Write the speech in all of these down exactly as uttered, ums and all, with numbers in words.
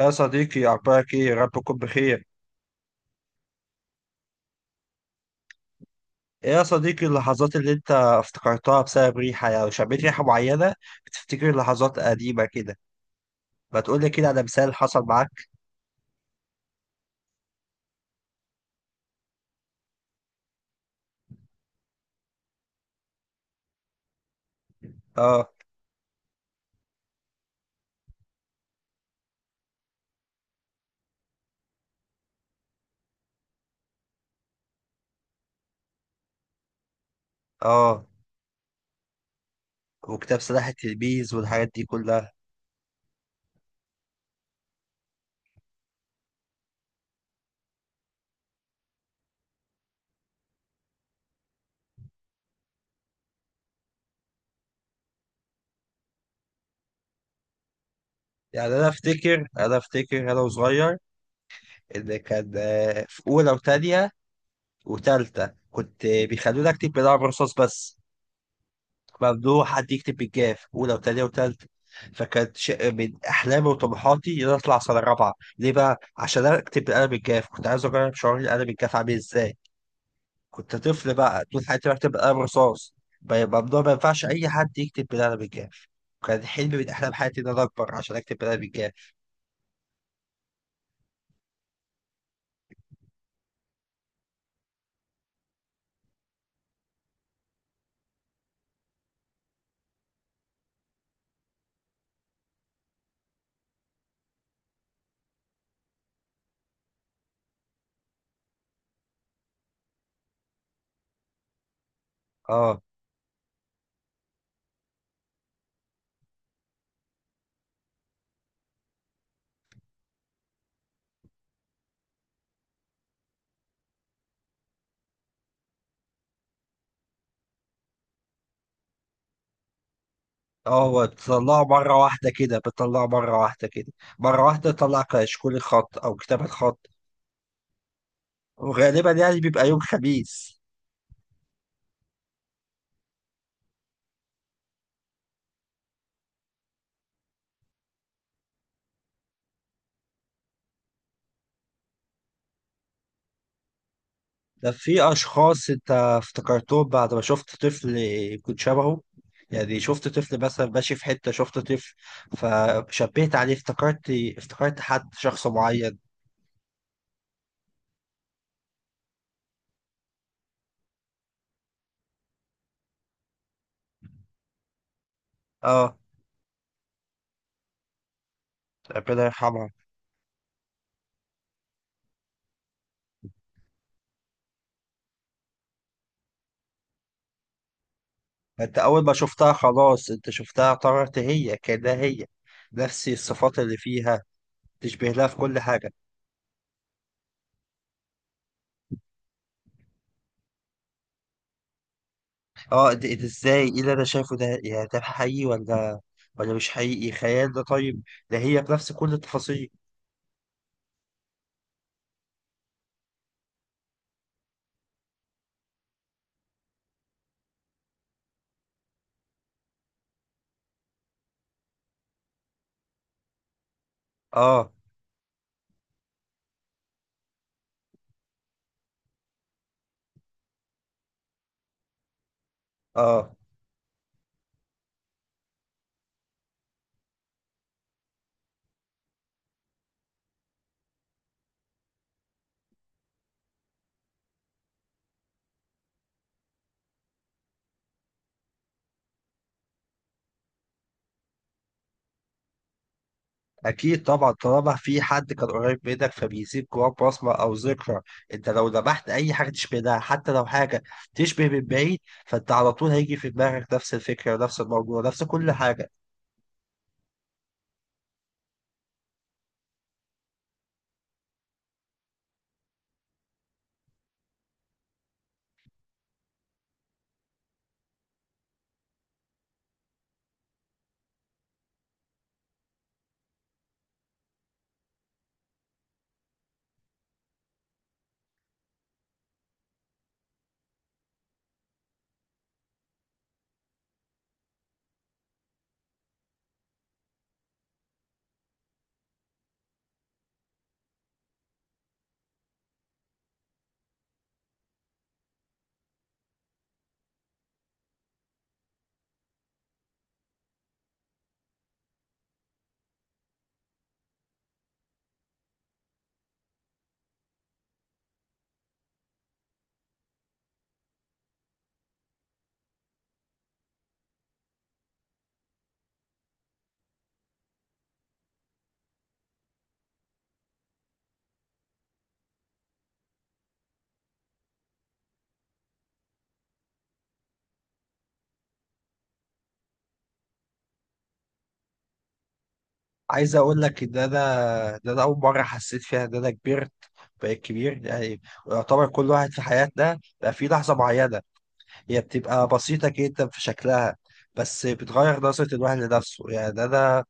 يا صديقي أخبارك إيه؟ يا رب تكون بخير. إيه يا صديقي اللحظات اللي أنت افتكرتها بسبب ريحة، يعني لو شميت ريحة معينة بتفتكر لحظات قديمة كده، ما تقول لي كده على مثال حصل معاك؟ آه، آه. وكتاب سلاح التلميذ والحاجات دي كلها. يعني أنا أفتكر أنا أفتكر أنا وصغير إن كان آه، في أولى وتانية وتالتة كنت بيخلونا أكتب بلعب رصاص بس. ممنوع حد يكتب بالجاف اولى وثانيه وثالثه، فكانت شيء من احلامي وطموحاتي ان انا اطلع سنه رابعه. ليه بقى؟ عشان انا اكتب بالقلم الجاف، كنت عايز اجرب شعور القلم الجاف عامل ازاي. كنت طفل بقى طول حياتي بكتب بالقلم رصاص. ب- ممنوع، ما ينفعش اي حد يكتب بالقلم الجاف. كان حلم من احلام حياتي ان انا اكبر عشان اكتب بالقلم الجاف. اه، اه. هو بتطلعه مرة واحدة كده، بتطلعه مرة واحدة كده، مرة واحدة تطلع كشكول الخط أو كتابة الخط. وغالبا يعني بيبقى يوم خميس. ده في اشخاص انت افتكرتهم بعد ما شفت طفل كنت شبهه، يعني شفت طفل مثلا ماشي في حتة، شفت طفل فشبهت عليه، افتكرت افتكرت حد شخص معين. اه. ربنا يرحمها. انت اول ما شفتها خلاص انت شفتها اعتبرت هي كأنها هي، نفس الصفات اللي فيها، تشبه لها في كل حاجة. اه، ده ده ازاي، ايه اللي انا شايفه ده؟ يعني ده حقيقي ولا ولا مش حقيقي، خيال؟ ده طيب، ده هي بنفس كل التفاصيل. اه، اه. أكيد طبعا، طالما في حد كان قريب منك فبيسيب جواك بصمة أو ذكرى، أنت لو ذبحت أي حاجة تشبه ده، حتى لو حاجة تشبه من بعيد، فأنت على طول هيجي في دماغك نفس الفكرة، نفس الموضوع، نفس كل حاجة. عايز أقول لك إن أنا إن أنا أول مرة حسيت فيها إن أنا كبرت، بقيت كبير يعني. ويعتبر كل واحد في حياتنا بقى في لحظة معينة، هي بتبقى بسيطة جدا في شكلها، بس بتغير نظرة الواحد لنفسه، يعني أنا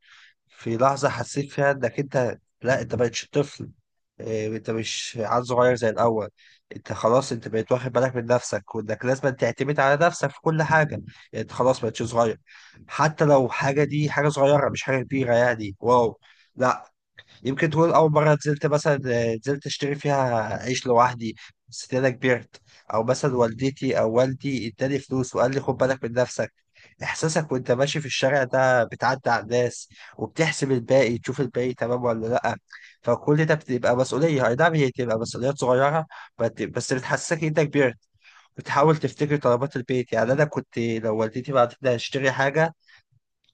في لحظة حسيت فيها إنك أنت، لا، أنت مبقتش طفل. إيه، انت مش عيل صغير زي الاول، انت خلاص انت بقيت واخد بالك من نفسك، وانك لازم تعتمد على نفسك في كل حاجه، يعني انت خلاص بقيتش صغير، حتى لو حاجه، دي حاجه صغيره مش حاجه كبيره، يعني واو. لا، يمكن تقول أول مرة نزلت مثلا، آه، نزلت أشتري فيها عيش لوحدي، حسيت أنا كبرت. أو مثلا والدتي أو والدي اداني فلوس وقال لي خد بالك من نفسك، إحساسك وأنت ماشي في الشارع ده بتعدي على الناس وبتحسب الباقي، تشوف الباقي تمام ولا لأ، فكل ده بتبقى مسؤولية، أي نعم هي تبقى مسؤوليات صغيرة، بت- بس بتحسسك إن أنت كبرت. بتحاول تفتكر طلبات البيت، يعني انا كنت لو والدتي بعتت لي هشتري حاجه،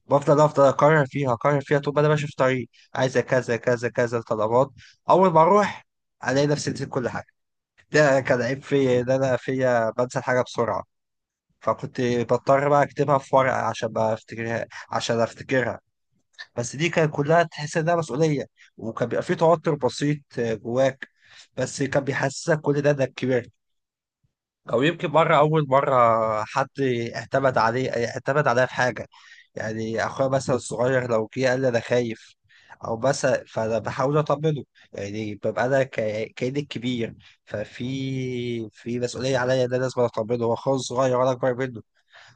بفضل افضل اكرر فيها اكرر فيها طول ما انا ماشي في طريق، عايزه كذا كذا كذا طلبات، اول ما اروح الاقي نفسي نسيت كل حاجه. ده كان عيب فيا ان انا فيا بنسى الحاجه بسرعه، فكنت بضطر بقى اكتبها في ورقه عشان ما افتكرها عشان افتكرها. بس دي كانت كلها تحس انها مسؤوليه، وكان بيبقى في توتر بسيط جواك، بس كان بيحسسك كل ده انك كبرت. او يمكن مره، اول مره حد اعتمد عليه اعتمد عليا في حاجه، يعني اخويا مثلا الصغير لو جه قال لي انا خايف، او مثلا، فانا بحاول اطمنه، يعني ببقى انا ك- كاني الكبير، ففي في مسؤوليه عليا ان انا لازم اطمنه، هو اخويا الصغير وانا اكبر منه.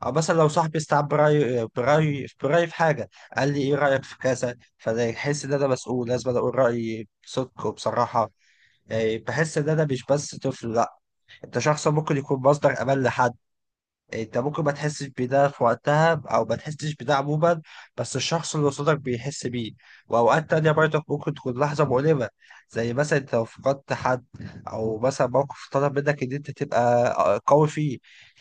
او مثلا لو صاحبي استعب برايي برايي برايي في حاجه، قال لي ايه رايك في كذا، فانا يحس ان انا مسؤول، لازم أنا اقول رايي بصدق وبصراحه، يعني بحس ان انا مش بس طفل، لا، انت شخص ممكن يكون مصدر امان لحد. انت ممكن ما تحسش بده في وقتها، او ما تحسش بده عموما، بس الشخص اللي قصادك بيحس بيه. واوقات تانية برضك ممكن تكون لحظة مؤلمة، زي مثلا انت لو فقدت حد، او مثلا موقف طلب منك ان انت تبقى آه، قوي فيه،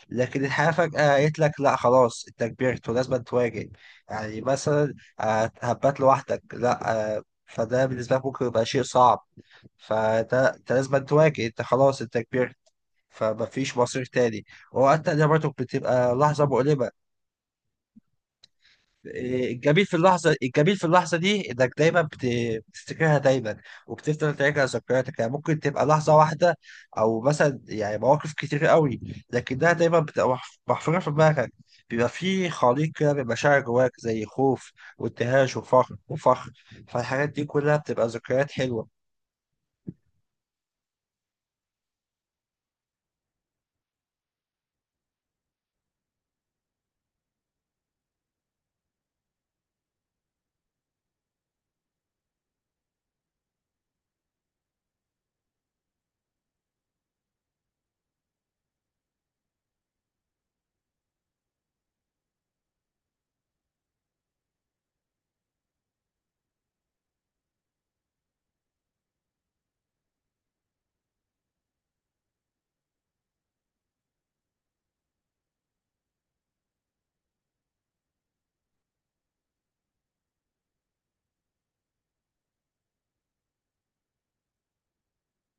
لكن الحياة فجأة قالت لك لا، خلاص انت كبرت ولازم تواجه. يعني مثلا آه، هبات لوحدك، لا آه، فده بالنسبة لك ممكن يبقى شيء صعب، فده انت لازم تواجه، انت خلاص انت كبرت، فمفيش مصير تاني، وحتى ده برضه بتبقى لحظة مؤلمة. إيه، الجميل في اللحظة الجميل في اللحظة دي إنك دايما بت- بتفتكرها دايما، وبتفضل تراجع ذكرياتك، يعني ممكن تبقى لحظة واحدة، أو مثلا يعني مواقف كتير قوي، لكنها دايما بتبقى محف- محفورة في دماغك، بيبقى في خليط كده من مشاعر جواك، زي خوف وابتهاج وفخر وفخر، فالحاجات دي كلها بتبقى ذكريات حلوة.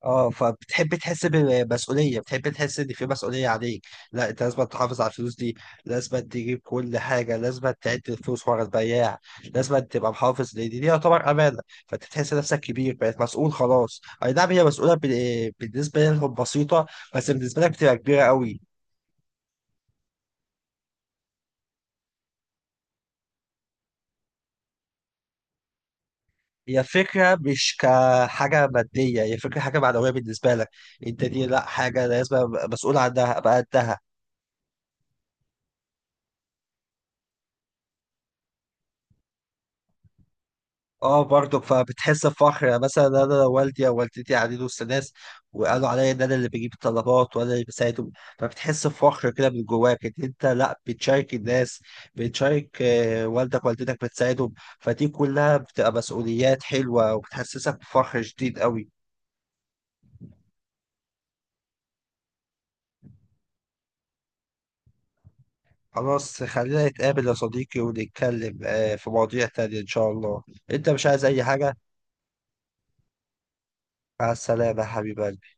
اه، فبتحب تحس بمسؤوليه، بتحب تحس ان في مسؤوليه عليك، لا انت لازم تحافظ على الفلوس دي، لازم تجيب كل حاجه، لازم تعد الفلوس ورا البياع، لازم تبقى محافظ لان دي يعتبر امانه، فانت تحس نفسك كبير، بقيت مسؤول خلاص، اي نعم هي مسؤوله بال- بالنسبه لهم بسيطه، بس بالنسبه لك بتبقى كبيره قوي. هي فكرة مش كحاجة مادية، هي فكرة حاجة معنوية بالنسبة لك، انت دي لا، حاجة لازم أبقى مسؤول عنها، ابقى قدها. اه، برضك فبتحس بفخر، يعني مثلا انا لو والدي او والدتي قاعدين وسط ناس وقالوا عليا ان انا اللي بجيب الطلبات وانا اللي بساعدهم، فبتحس بفخر كده من جواك، ان انت لا بتشارك الناس، بتشارك آه، والدك والدتك، بتساعدهم، فدي كلها بتبقى مسؤوليات حلوة وبتحسسك بفخر شديد قوي. خلاص خلينا نتقابل يا صديقي ونتكلم آه، في مواضيع تانية ان شاء الله، انت مش عايز اي حاجة؟ مع السلامة يا حبيبي